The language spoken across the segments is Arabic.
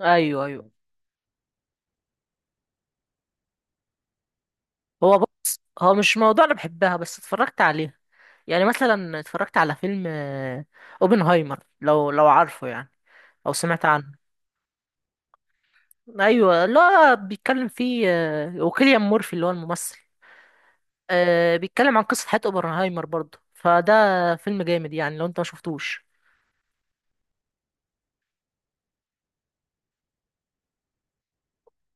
ايوه ايوه. هو بص، هو مش موضوع انا بحبها، بس اتفرجت عليها. يعني مثلا اتفرجت على فيلم اوبنهايمر، لو عارفه يعني، او سمعت عنه. ايوه، لا بيتكلم فيه وكيليان مورفي اللي هو الممثل. بيتكلم عن قصة حياة اوبنهايمر برضه، فده فيلم جامد يعني لو انت ما شفتوش.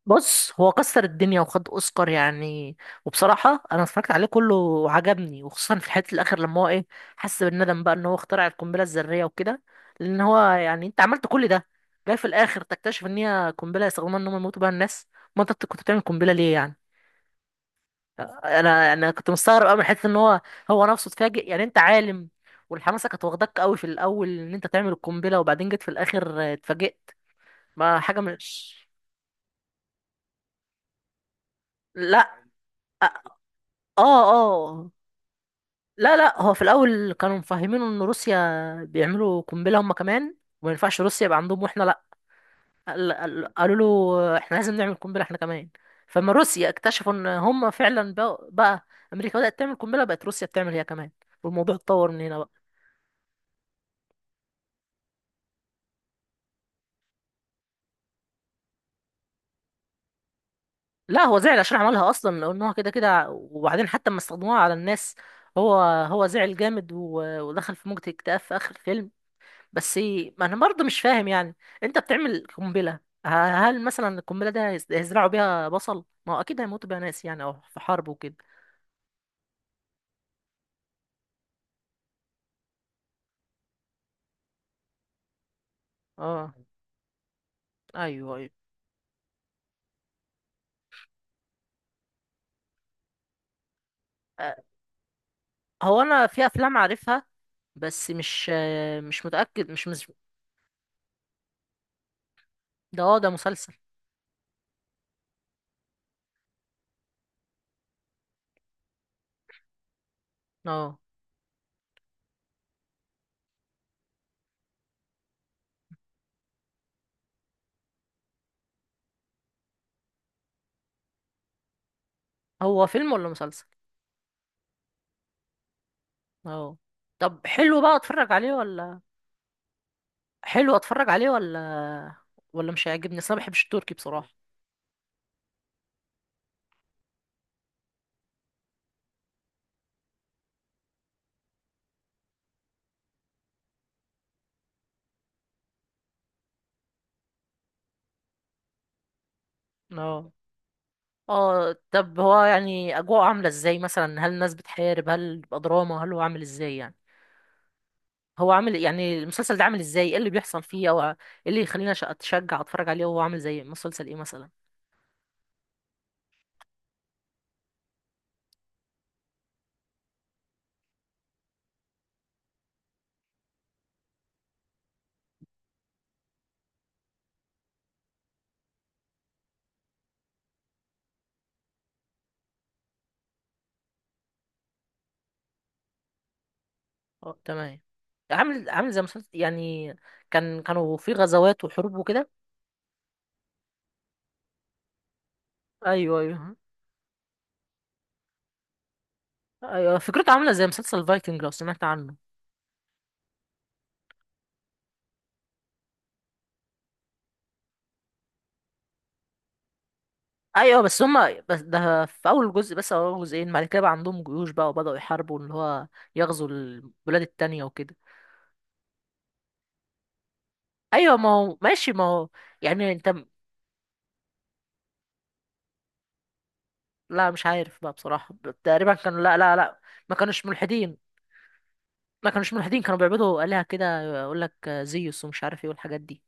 بص، هو كسر الدنيا وخد اوسكار يعني. وبصراحه انا اتفرجت عليه كله وعجبني، وخصوصا في الحته الاخر لما هو ايه حس بالندم بقى ان هو اخترع القنبله الذريه وكده. لان هو يعني انت عملت كل ده، جاي في الاخر تكتشف ان هي قنبله يستخدموها ان هم يموتوا بيها الناس. ما انت كنت بتعمل قنبله ليه يعني؟ انا كنت مستغرب قوي من حته ان هو نفسه اتفاجئ، يعني انت عالم. والحماسه كانت واخداك قوي في الاول ان انت تعمل القنبله، وبعدين جيت في الاخر اتفاجئت. ما حاجه مش. لا. اه. اه. لا لا، هو في الاول كانوا مفهمينه ان روسيا بيعملوا قنبله هم كمان، وما ينفعش روسيا يبقى عندهم واحنا لا. قالوا له احنا لازم نعمل قنبله احنا كمان. فلما روسيا اكتشفوا ان هم فعلا بقى امريكا بدات تعمل قنبله، بقت روسيا بتعمل هي كمان. والموضوع اتطور من هنا بقى. لا، هو زعل عشان عملها اصلا لان هو كده كده، وبعدين حتى لما استخدموها على الناس هو هو زعل جامد ودخل في موجة اكتئاب في اخر الفيلم. بس ما انا برضه مش فاهم يعني، انت بتعمل قنبله. ه- هل مثلا القنبله ده هيزرعوا بيها بصل؟ ما هو اكيد هيموتوا بيها ناس يعني، او في حرب وكده. اه. ايوه ايوه. أه، هو انا في افلام عارفها، بس مش مش متاكد، مش مش. ده مسلسل. اه، هو فيلم ولا مسلسل؟ اه، طب حلو بقى اتفرج عليه ولا؟ حلو اتفرج عليه ولا مش هيعجبني اصل انا ما بحبش التركي بصراحه. اه. اه. طب هو يعني اجواءه عامله ازاي مثلا؟ هل الناس بتحارب؟ هل بيبقى دراما؟ هل هو عامل ازاي يعني؟ هو عامل يعني المسلسل ده عامل ازاي؟ ايه اللي بيحصل فيه، او ايه اللي يخلينا اتشجع اتفرج عليه؟ وهو عامل زي مسلسل ايه مثلا؟ اه تمام. عامل زي مسلسل يعني، كانوا في غزوات وحروب وكده. ايوه ايوه. ايوه، فكرته عامله زي مسلسل فايكنج، لو سمعت عنه. ايوه، بس هما بس ده في اول جزء بس او اول جزئين، بعد كده بقى عندهم جيوش بقى وبداوا يحاربوا اللي هو يغزو البلاد التانية وكده. ايوه، ما هو ماشي، ما هو يعني انت لا مش عارف بقى بصراحة. تقريبا كانوا، لا لا لا، ما كانوش ملحدين ما كانوش ملحدين كانوا بيعبدوا آلهة كده، يقول لك زيوس ومش عارف ايه والحاجات دي.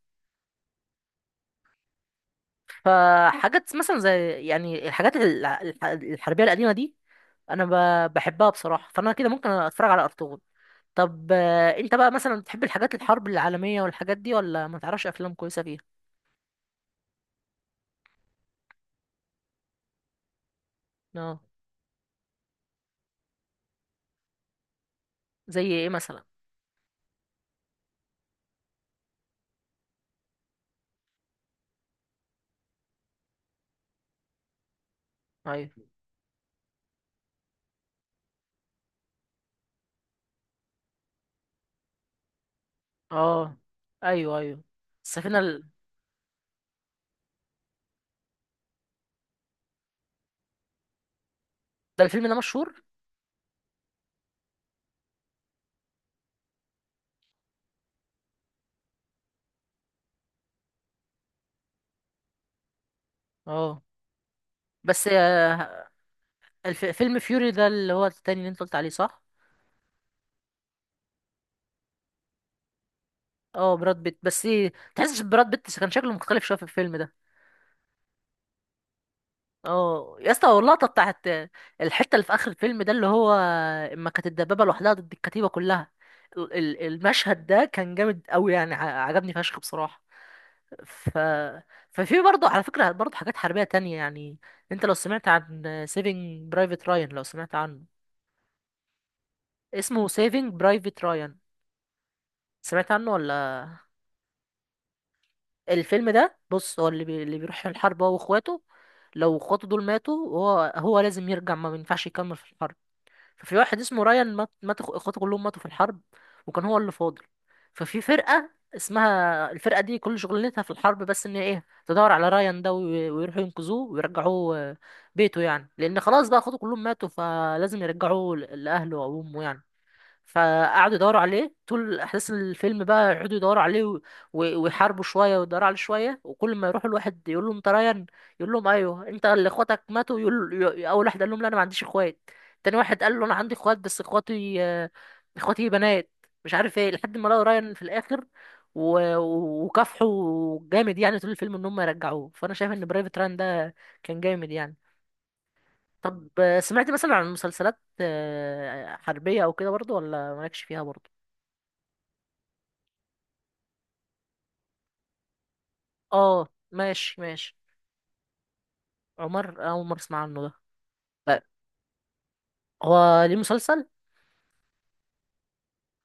فحاجات مثلا زي يعني الحاجات الحربية القديمة دي، انا بحبها بصراحة، فانا كده ممكن اتفرج على ارطغرل. طب انت بقى مثلا بتحب الحاجات الحرب العالمية والحاجات دي، ولا ما تعرفش افلام كويسة فيها؟ اه. زي ايه مثلا؟ ايوه. اه. ايوه ايوه. السفينة ده الفيلم ده مشهور. اه، بس فيلم فيوري ده اللي هو التاني اللي انت قلت عليه، صح؟ اه، براد بيت، بس تحسش براد بيت كان شكله مختلف شويه في الفيلم ده. اه يا اسطى، اللقطه بتاعت الحته اللي في اخر الفيلم ده، اللي هو اما كانت الدبابه لوحدها ضد الكتيبه كلها، المشهد ده كان جامد قوي يعني، عجبني فشخ بصراحه. ف ففي برضه على فكره برضه حاجات حربيه تانية يعني، انت لو سمعت عن سيفينج برايفت رايان، لو سمعت عنه. اسمه سيفينج برايفت رايان، سمعت عنه ولا؟ الفيلم ده بص، هو اللي بيروح الحرب هو واخواته، لو اخواته دول ماتوا هو لازم يرجع، ما ينفعش يكمل في الحرب. ففي واحد اسمه رايان، اخواته كلهم ماتوا في الحرب، وكان هو اللي فاضل. ففي فرقة اسمها، الفرقة دي كل شغلتها في الحرب بس ان ايه تدور على رايان ده ويروحوا ينقذوه ويرجعوه بيته يعني، لان خلاص بقى اخواته كلهم ماتوا فلازم يرجعوه لأهله وأمه يعني. فقعدوا يدوروا عليه طول احداث الفيلم بقى، يقعدوا يدوروا عليه ويحاربوا شويه ويدوروا عليه شويه، وكل ما يروحوا الواحد يقول لهم انت ريان، يقول لهم ايوه انت اللي اخواتك ماتوا، يقول اول واحد قال لهم لا انا ما عنديش اخوات، تاني واحد قال له انا عندي اخوات بس اخواتي اخواتي بنات مش عارف ايه، لحد ما لقوا ريان في الاخر. وكافحوا جامد يعني طول الفيلم ان هم يرجعوه، فانا شايف ان برايفت ران ده كان جامد يعني. طب سمعت مثلا عن مسلسلات حربية او كده برضو، ولا مالكش فيها برضو؟ اه ماشي ماشي. عمر اول مرة اسمع عنه ده. طيب، هو ليه مسلسل؟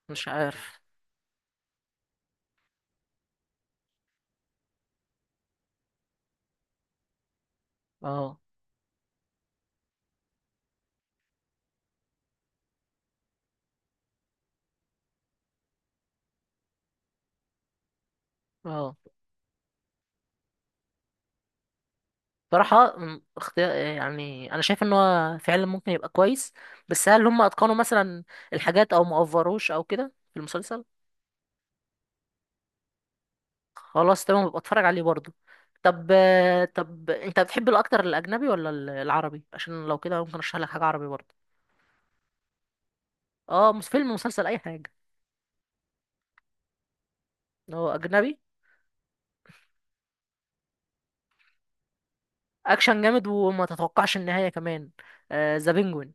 مش عارف. اه. اه. بصراحة، اختيار يعني، انا شايف ان هو فعلا ممكن يبقى كويس، بس هل هم اتقنوا مثلا الحاجات او ما اوفروش او كده في المسلسل؟ خلاص تمام، ببقى اتفرج عليه برضه. طب انت بتحب الاكتر الاجنبي ولا العربي؟ عشان لو كده ممكن ارشح لك حاجة عربي برضه. اه، فيلم، مسلسل، اي حاجة. هو اجنبي، اكشن جامد وما تتوقعش النهاية كمان، ذا بينجوين.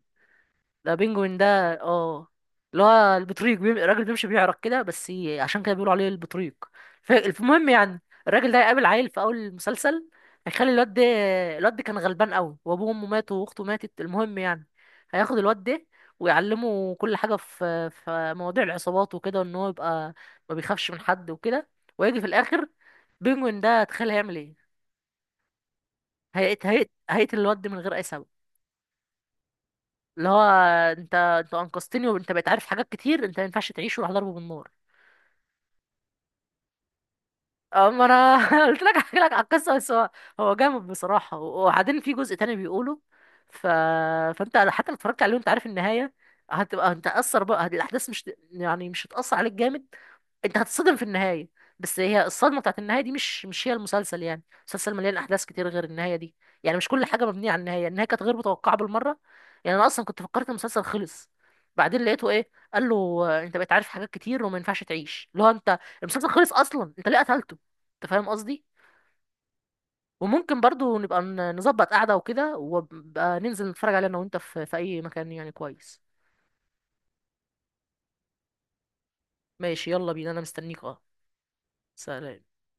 ده بينجوين ده. اه، اللي هو البطريق الراجل بيمشي بيعرق كده، بس عشان كده بيقولوا عليه البطريق. المهم يعني الراجل ده هيقابل عيل في اول المسلسل، هيخلي الواد ده، الواد ده كان غلبان قوي وابوه وامه ماتوا واخته ماتت، المهم يعني هياخد الواد ده ويعلمه كل حاجه في مواضيع العصابات وكده، ان هو يبقى ما بيخافش من حد وكده. ويجي في الاخر بينجوين ده تخيل هيعمل ايه؟ هيقتل الواد ده من غير اي سبب، اللي هو انت انقذتني وانت بقيت عارف حاجات كتير، انت ما ينفعش تعيش، وراح ضربه بالنار. اما انا قلت لك احكي لك على القصه، بس هو جامد بصراحه، وبعدين في جزء تاني بيقوله. ف... فانت حتى لو اتفرجت عليه وانت عارف النهايه، هتبقى انت اثر بقى الاحداث، مش يعني مش هتاثر عليك جامد، انت هتتصدم في النهايه. بس هي الصدمه بتاعت النهايه دي مش هي المسلسل يعني، المسلسل مليان احداث كتير غير النهايه دي. يعني مش كل حاجه مبنيه على النهايه، النهايه كانت غير متوقعه بالمره، يعني انا اصلا كنت فكرت المسلسل خلص. بعدين لقيته ايه قال له انت بقيت عارف حاجات كتير وما ينفعش تعيش، اللي هو انت المسلسل خلص اصلا، انت ليه قتلته؟ انت فاهم قصدي؟ وممكن برضو نبقى نظبط قعده وكده، وبقى ننزل نتفرج عليه انا وانت في اي مكان يعني كويس. ماشي يلا بينا، انا مستنيك. اه. سلام.